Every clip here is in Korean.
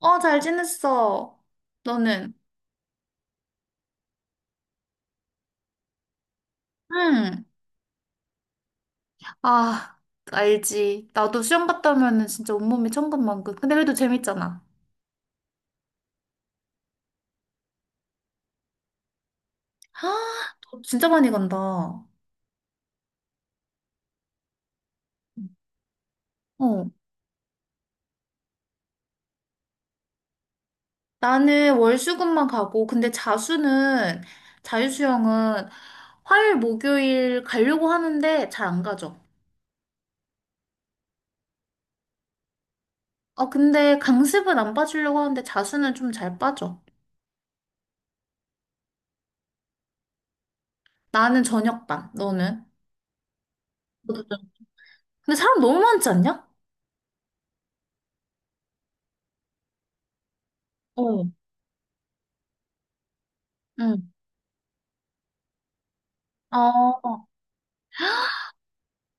어, 잘 지냈어. 너는? 응. 아, 알지. 나도 수영 갔다 오면은 진짜 온몸이 천근만근. 근데 그래도 재밌잖아. 아, 너 진짜 많이 간다. 어. 나는 월수금만 가고, 근데 자유수영은 화요일, 목요일 가려고 하는데 잘 안 가죠. 어, 근데 강습은 안 빠지려고 하는데 자수는 좀 잘 빠져. 나는 저녁반, 너는? 너도 좀- 근데 사람 너무 많지 않냐? 어. 응. 어.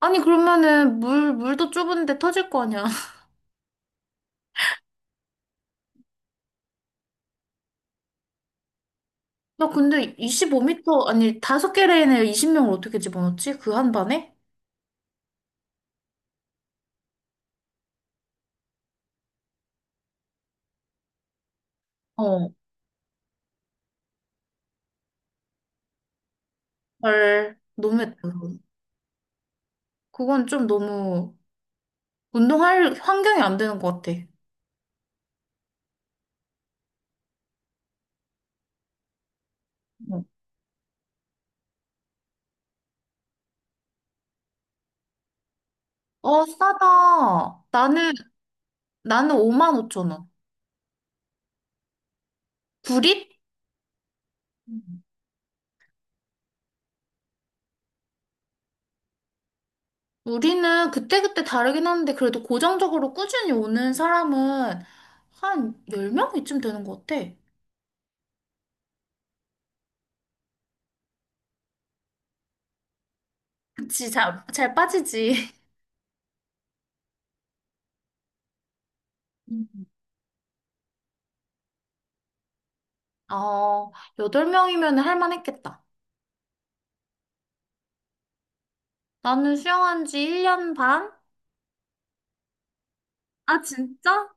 아니, 그러면은 물도 좁은데 터질 거 아니야. 나 근데 25m, 아니, 5개 레인에 20명을 어떻게 집어넣지? 그 한 반에? 어. 헐, 너무했다. 그건 좀 너무 운동할 환경이 안 되는 것 같아. 어. 어, 싸다. 나는 5만 5천 원. 구릿? 음. 우리는 그때그때 다르긴 하는데 그래도 고정적으로 꾸준히 오는 사람은 한 10명 이쯤 되는 것 같아. 그치, 잘 빠지지. 어, 여덟 명이면 할 만했겠다. 나는 수영한 지 1년 반? 아, 진짜?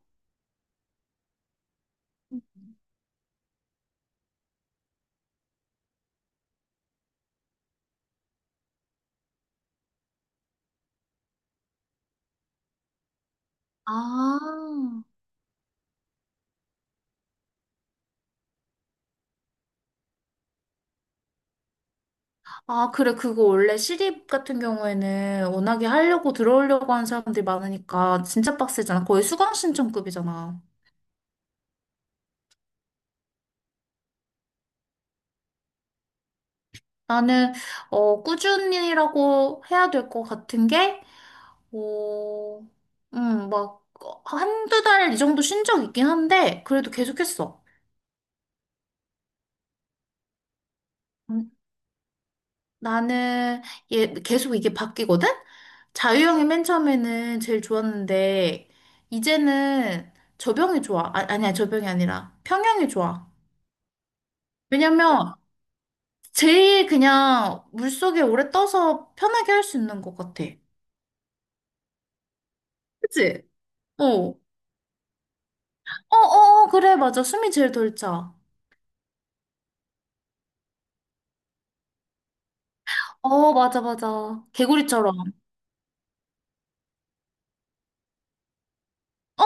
아, 아, 그래. 그거 원래 시립 같은 경우에는 워낙에 하려고 들어오려고 하는 사람들이 많으니까 진짜 빡세잖아. 거의 수강 신청급이잖아. 나는, 꾸준히라고 해야 될 것 같은 게, 어, 막, 한두 달 이 정도 쉰 적 있긴 한데, 그래도 계속했어. 나는 얘 계속 이게 바뀌거든? 자유형이 맨 처음에는 제일 좋았는데 이제는 저병이 좋아. 아, 아니야, 저병이 아니라 평형이 좋아. 왜냐면 제일 그냥 물속에 오래 떠서 편하게 할 수 있는 것 같아. 그치? 어. 어, 어, 어, 그래, 맞아. 숨이 제일 덜 차. 어, 맞아, 맞아. 개구리처럼. 어,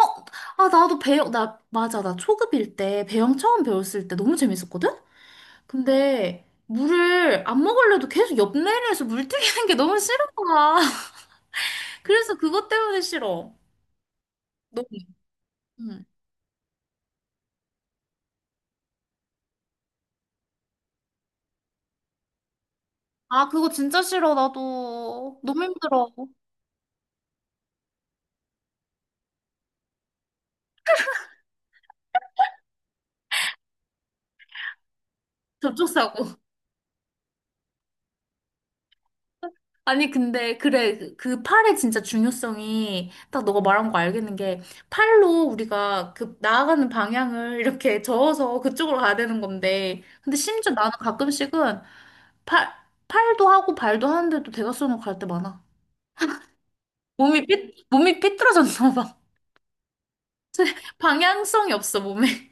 아, 나도 배영, 나, 맞아. 나 초급일 때, 배영 처음 배웠을 때 너무 재밌었거든? 근데 물을 안 먹으려도 계속 옆내리에서 물 튀기는 게 너무 싫은 거야. 그래서 그것 때문에 싫어. 너무. 응. 아, 그거 진짜 싫어. 나도 너무 힘들어. 접촉사고. 아니, 근데 그래. 그그 팔의 진짜 중요성이 딱 너가 말한 거 알겠는 게 팔로 우리가 그 나아가는 방향을 이렇게 저어서 그쪽으로 가야 되는 건데 근데 심지어 나는 가끔씩은 팔 팔도 하고 발도 하는데도 대각선으로 갈 때 많아. 몸이 삐뚤어졌나 봐. 방향성이 없어, 몸에.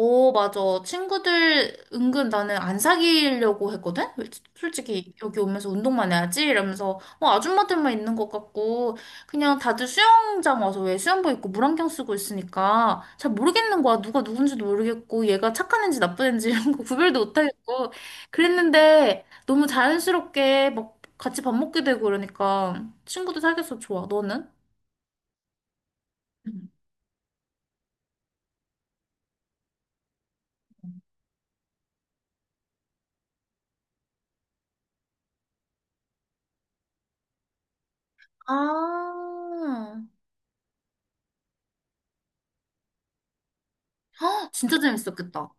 오, 맞아. 친구들 은근 나는 안 사귀려고 했거든? 솔직히 여기 오면서 운동만 해야지 이러면서 아줌마들만 있는 것 같고 그냥 다들 수영장 와서 왜 수영복 입고 물안경 쓰고 있으니까 잘 모르겠는 거야. 누가 누군지도 모르겠고 얘가 착한 애인지 나쁜 애인지 이런 거 구별도 못 하겠고 그랬는데 너무 자연스럽게 막 같이 밥 먹게 되고 그러니까 친구도 사귀어서 좋아. 너는? 응. 아, 헉, 진짜 재밌었겠다.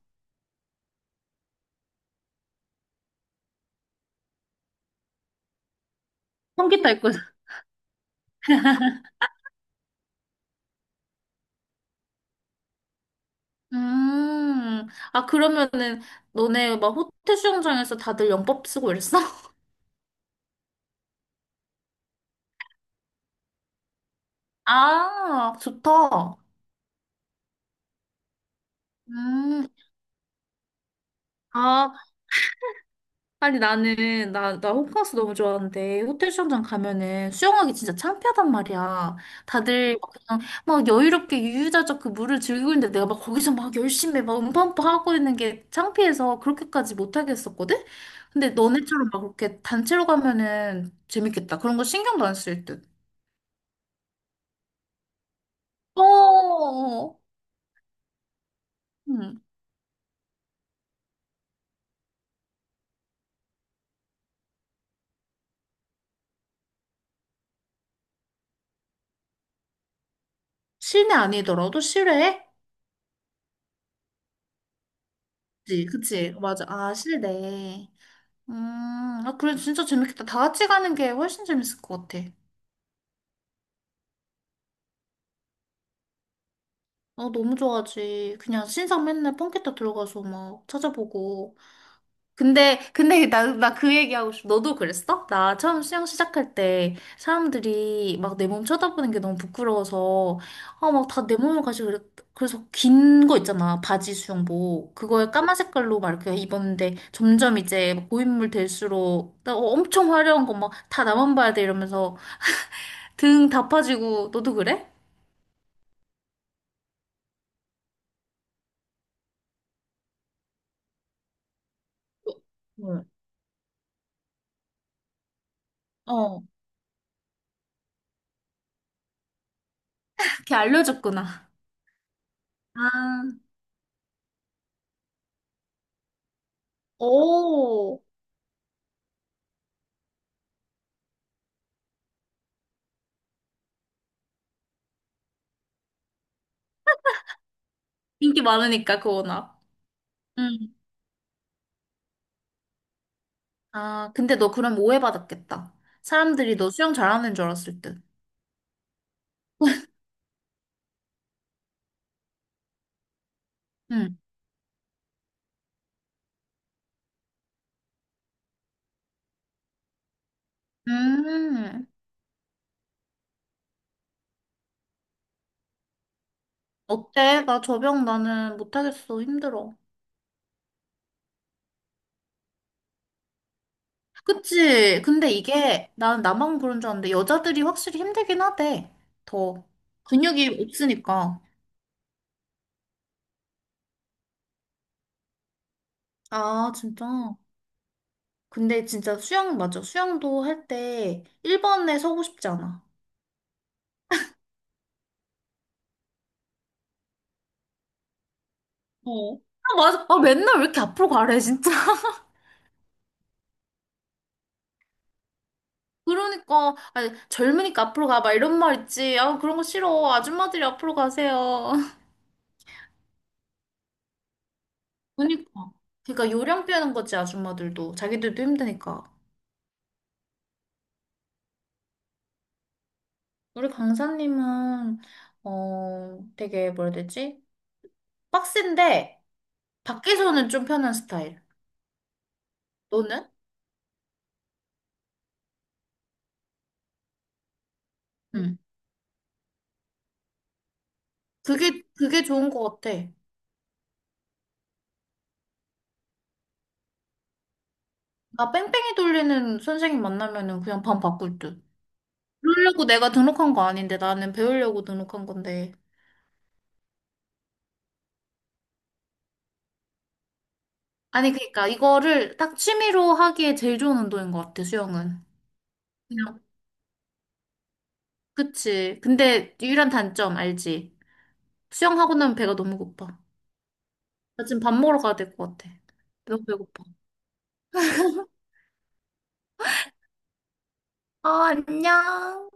성기타 있고. 음, 아, 그러면은, 너네 막 호텔 수영장에서 다들 영법 쓰고 이랬어? 아, 좋다. 음, 아, 아니 나는 나 나 호캉스 너무 좋아하는데 호텔 수영장 가면은 수영하기 진짜 창피하단 말이야. 다들 막 그냥 막 여유롭게 유유자적 그 물을 즐기고 있는데 내가 막 거기서 막 열심히 막 음파음파 하고 있는 게 창피해서 그렇게까지 못 하겠었거든. 근데 너네처럼 막 그렇게 단체로 가면은 재밌겠다. 그런 거 신경도 안 쓸 듯. 어, 음, 실내 아니더라도 실외? 그치, 그치, 맞아. 아, 실내. 아, 그래, 진짜 재밌겠다. 다 같이 가는 게 훨씬 재밌을 것 같아. 아, 너무 좋아하지. 그냥 신상 맨날 펑키타 들어가서 막 찾아보고. 근데 나 그 얘기하고 싶어. 너도 그랬어? 나 처음 수영 시작할 때 사람들이 막 내 몸 쳐다보는 게 너무 부끄러워서, 아, 막 다 내 몸을 가지고 그래서 긴 거 있잖아. 바지 수영복. 그거에 까만 색깔로 막 이렇게 입었는데 점점 이제 막 고인물 될수록 나 엄청 화려한 거 막 다 나만 봐야 돼 이러면서 등 다 파지고 너도 그래? 응. 어. 이렇게 알려줬구나. 아, 오. 인기 많으니까 그 워낙. 응. 아, 근데 너 그럼 오해받았겠다. 사람들이 너 수영 잘하는 줄 알았을 듯. 응. 음. 어때? 나 저병 나는 못하겠어. 힘들어. 그치? 근데 이게 나는 나만 그런 줄 알았는데 여자들이 확실히 힘들긴 하대. 더 근육이 없으니까. 아, 진짜? 근데 진짜 수영 맞아. 수영도 할 때 1번에 서고 싶지 않아. 어. 아, 맞아. 아, 맨날 왜 이렇게 앞으로 가래, 진짜. 그러니까, 아니, 젊으니까 앞으로 가. 막 이런 말 있지. 아, 그런 거 싫어. 아줌마들이 앞으로 가세요. 그니까. 그니까 요령 빼는 거지, 아줌마들도. 자기들도 힘드니까. 우리 강사님은, 되게 뭐라 해야 되지? 빡센데, 밖에서는 좀 편한 스타일. 너는? 응. 그게 좋은 거 같아. 나 뺑뺑이 돌리는 선생님 만나면은 그냥 반 바꿀 듯. 그러려고 내가 등록한 거 아닌데 나는 배우려고 등록한 건데. 아니 그러니까 이거를 딱 취미로 하기에 제일 좋은 운동인 것 같아 수영은. 그냥 그치. 근데 유일한 단점 알지? 수영하고 나면 배가 너무 고파. 나 지금 밥 먹으러 가야 될 것 같아. 너무 배고파. 어, 안녕.